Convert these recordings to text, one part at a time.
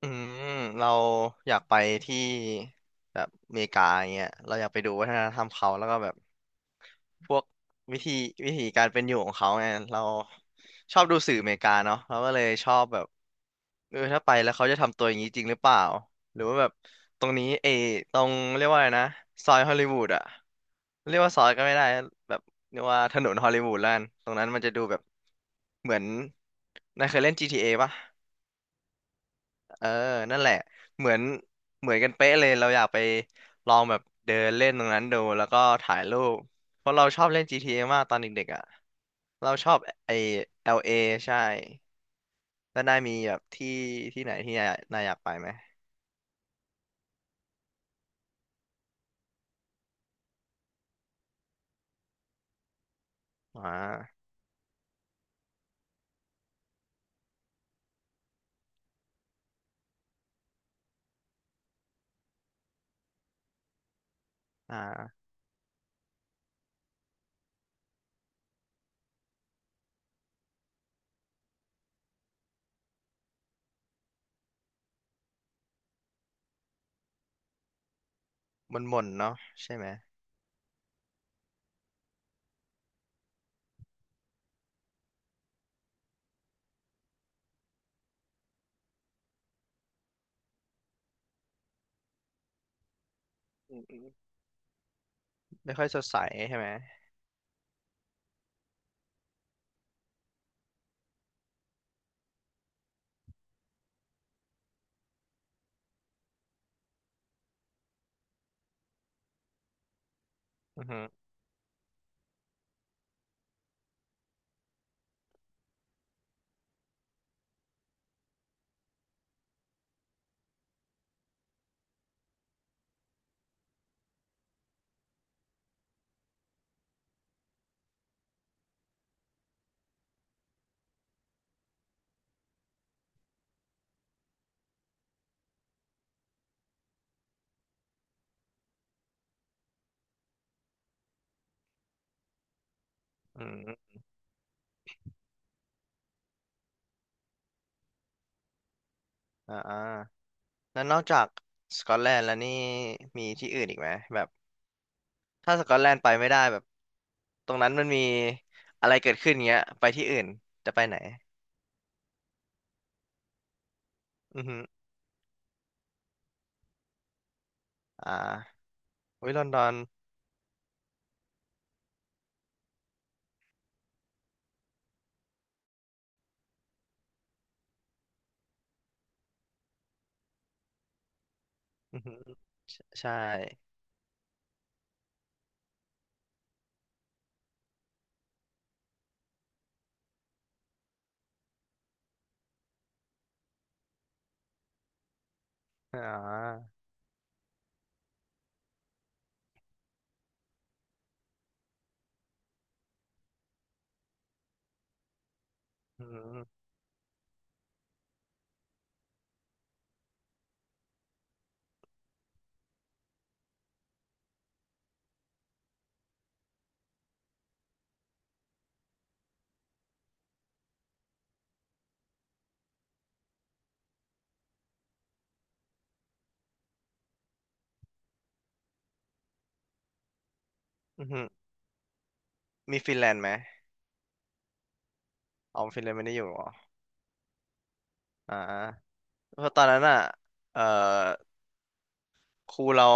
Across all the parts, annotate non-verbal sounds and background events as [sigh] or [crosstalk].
อืมเราอยากไปที่แบบอเมริกาอย่างเงี้ยเราอยากไปดูวัฒนธรรมเขาแล้วก็แบบพวกวิธีวิธีการเป็นอยู่ของเขาไงเราชอบดูสื่ออเมริกาเนาะเราก็เลยชอบแบบเออถ้าไปแล้วเขาจะทำตัวอย่างนี้จริงหรือเปล่าหรือว่าแบบตรงนี้ตรงเรียกว่าอะไรนะซอยฮอลลีวูดอะเรียกว่าซอยก็ไม่ได้แบบเรียกว่าถนนฮอลลีวูดแล้วกันตรงนั้นมันจะดูแบบเหมือนนายเคยเล่น GTA ปะ เออนั่นแหละ เหมือนเหมือนกันเป๊ะเลยเราอยากไปลองแบบเดินเล่นตรงนั้นดู แล้วก็ถ่ายรูปเพราะเราชอบเล่น GTA มากตอนเด็กๆอ่ะ เราชอบไอ้ LA ใช่ แล้วนายมีแบบที่ที่ไหนที่นายอยากไปไหมอ่าอ่ามันหม่นๆเนาะใช่ไหมอืมอืมไม่ค่อยสดใสใช่ไหม อือฮึอืมอมอ่าอ่าแล้วนอกจากสกอตแลนด์แล้วนี่มีที่อื่นอีกไหมแบบ ถ้าสกอตแลนด์ไปไม่ได้แบบตรงนั้นมันมีอะไรเกิดขึ้นเงี้ยไปที่อื่นจะไปไหนอือฮึอ่าวิลอนดอนอือฮึใช่ใช่อ่าอือฮึอือฮึมีฟินแลนด์ไหมอ๋อฟินแลนด์ไม่ได้อยู่เหรออ่าเพราะตอนนั้นอ่ะเอ่อครูเรา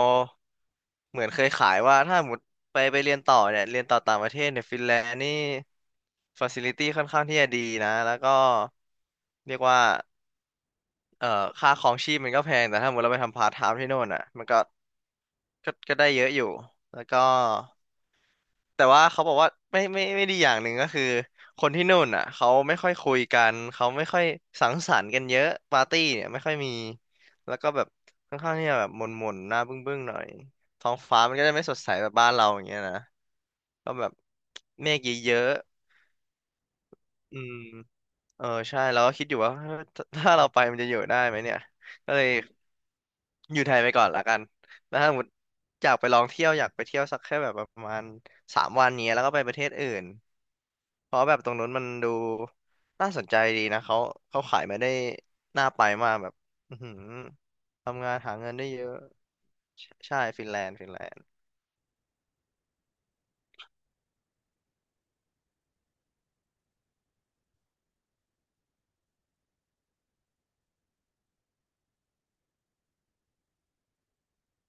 เหมือนเคยขายว่าถ้าหมดไปเรียนต่อเนี่ยเรียนต่อต่างประเทศเนี่ยฟินแลนด์นี่ฟาซิลิตี้ค่อนข้างที่จะดีนะแล้วก็เรียกว่า เอ่อค่าครองชีพมันก็แพงแต่ถ้าสมมติเราไปทำพาร์ทไทม์ที่โน่นอ่ะมันก็ก็ได้เยอะอยู่แล้วก็แต่ว่าเขาบอกว่าไม่ไม่ดีอย่างหนึ่งก็คือคนที่นู่นอ่ะเขาไม่ค่อยคุยกันเขาไม่ค่อยสังสรรค์กันเยอะปาร์ตี้เนี่ยไม่ค่อยมีแล้วก็แบบค่อนข้างที่จะแบบหม่นๆหน้าบึ้งๆหน่อยท้องฟ้ามันก็จะไม่สดใสแบบบ้านเราอย่างเงี้ยนะก็แบบเมฆเยอะๆอืม เออใช่เราก็คิดอยู่ว่า [laughs] ถ้าเราไปมันจะอยู่ได้ไหมเนี่ยก็เลยอยู่ไทยไปก่อนละกันแล้วถ้าสมมติอยากไปลองเที่ยวอยากไปเที่ยวสักแค่แบบประมาณสามวันเนี้ยแล้วก็ไปประเทศอื่นเพราะแบบตรงนู้นมันดูน่าสนใจดีนะเขาเขาขายมาได้น่าไปมากแบบอือหือทำงานหาเงินได้เยอะใช่ใช่ฟินแลนด์ฟินแลนด์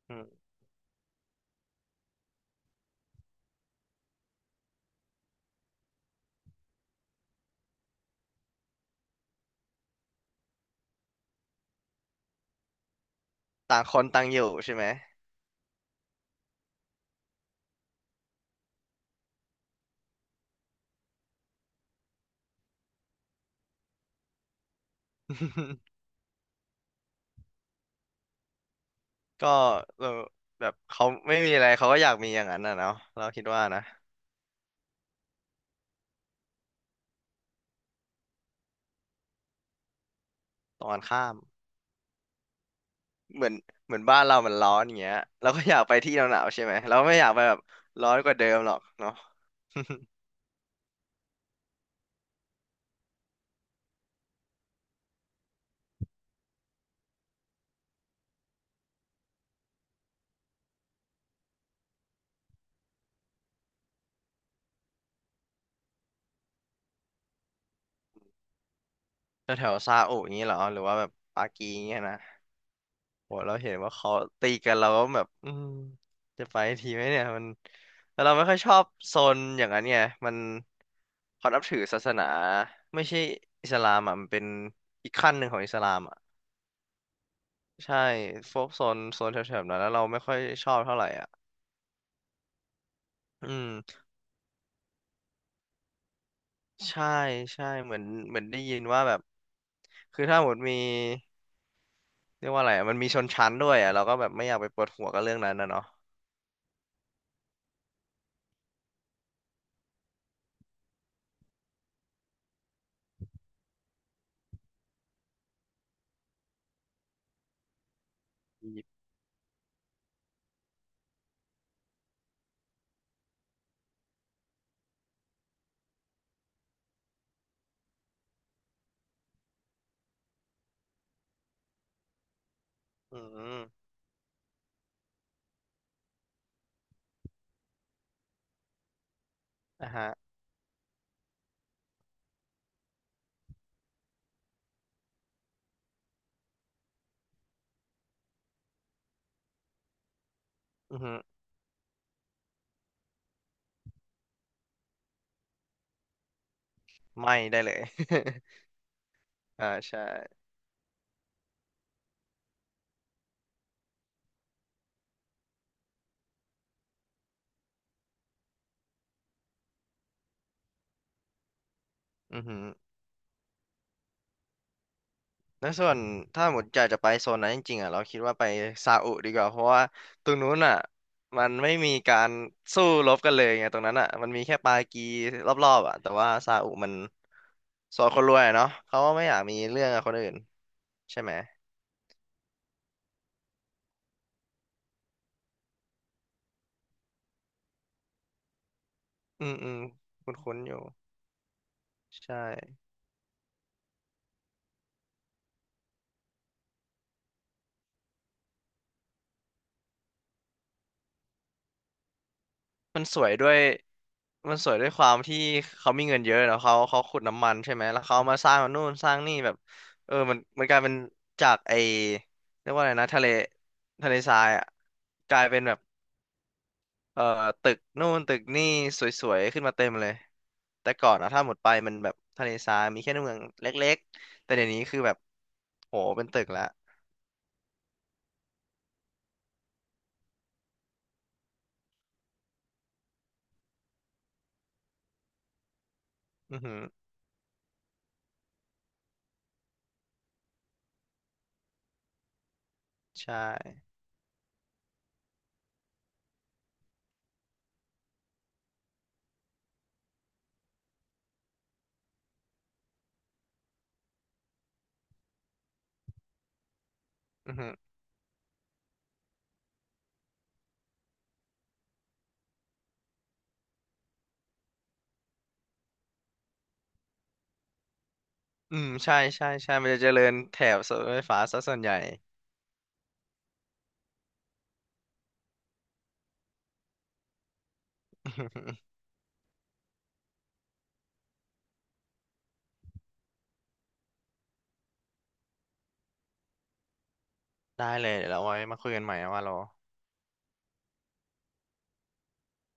อืมต่างคนต่างอยู่ใช่ไหม [laughs] ก็เออแบบเขาไม่มีอะไรเขาก็อยากมีอย่างนั้นน่ะเนาะเราคิดว่านะ ตรงกันข้ามเหมือนเหมือนบ้านเรามันร้อนอย่างเงี้ยเราก็อยากไปที่หนาวๆใช่ไหมเราไม่อยากไปแบบร้อนกว่าเดิมหรอกเนาะ [laughs] แถวแซาอุอย่างงี้เหรอหรือว่าแบบปากีอย่างเงี้ยนะโหเราเห็นว่าเขาตีกันเราก็แบบอืมจะไปทีไหมเนี่ยมันแล้วเราไม่ค่อยชอบโซนอย่างนั้นไงมันเขานับถือศาสนาไม่ใช่อิสลามอ่ะมันเป็นอีกขั้นหนึ่งของอิสลามอ่ะใช่พวกโซนแถวๆนั้นแล้วเราไม่ค่อยชอบเท่าไหร่อ่ะอืม ใช่ใช่เหมือนเหมือนได้ยินว่าแบบคือถ้าหมดมีเรียกว่าอะไรอะมันมีชนชั้นด้วยอ่ะเราก็แบบไม่อยากไปปวดหัวกับเรื่องนั้นนะเนาะอียิปต์อืมอ่ะฮะอือฮึไม่ได้เลย [laughs] อ่าใช่อือฮึแล้วส่วนถ้าหมดอยากจะไปโซนนั้นจริงๆอ่ะเราคิดว่าไปซาอุดีกว่าเพราะว่าตรงนู้นอ่ะมันไม่มีการสู้รบกันเลยไงตรงนั้นอ่ะมันมีแค่ปากีรอบๆอ่ะแต่ว่าซาอุมันสอนคนรวยอะเนาะเขาก็ไม่อยากมีเรื่องกับคนอื่นใช่ไหม อืมอืมคุ้นๆอยู่ใช่มันสวยด้วยมันสวยด้วยความที่เขามีเงินเยอะเนาะเขาเขาขุดน้ำมันใช่ไหมแล้วเขาเอามาสร้างนู่นสร้างนี่แบบเออมันกลายเป็นจากไอเรียกว่าอะไรนะทะเลทรายอ่ะกลายเป็นแบบเอ่อตึกนู่นตึกนี่สวยๆขึ้นมาเต็มเลยแต่ก่อนอะถ้าหมดไปมันแบบทะเลทรายมีแค่เมืองเล็กๆแต่เดี๋ยวนี้คือแบบโหเป็นตึกละอือหือใช่อือหือ อืมใช่ใช่ใช่มันจะเจริญแถบรถไฟฟ้าซะส่วนใหญ่ [laughs] ได้เลยเดี๋ยวเราไว้มาคุยกันใหม่นะว่าโล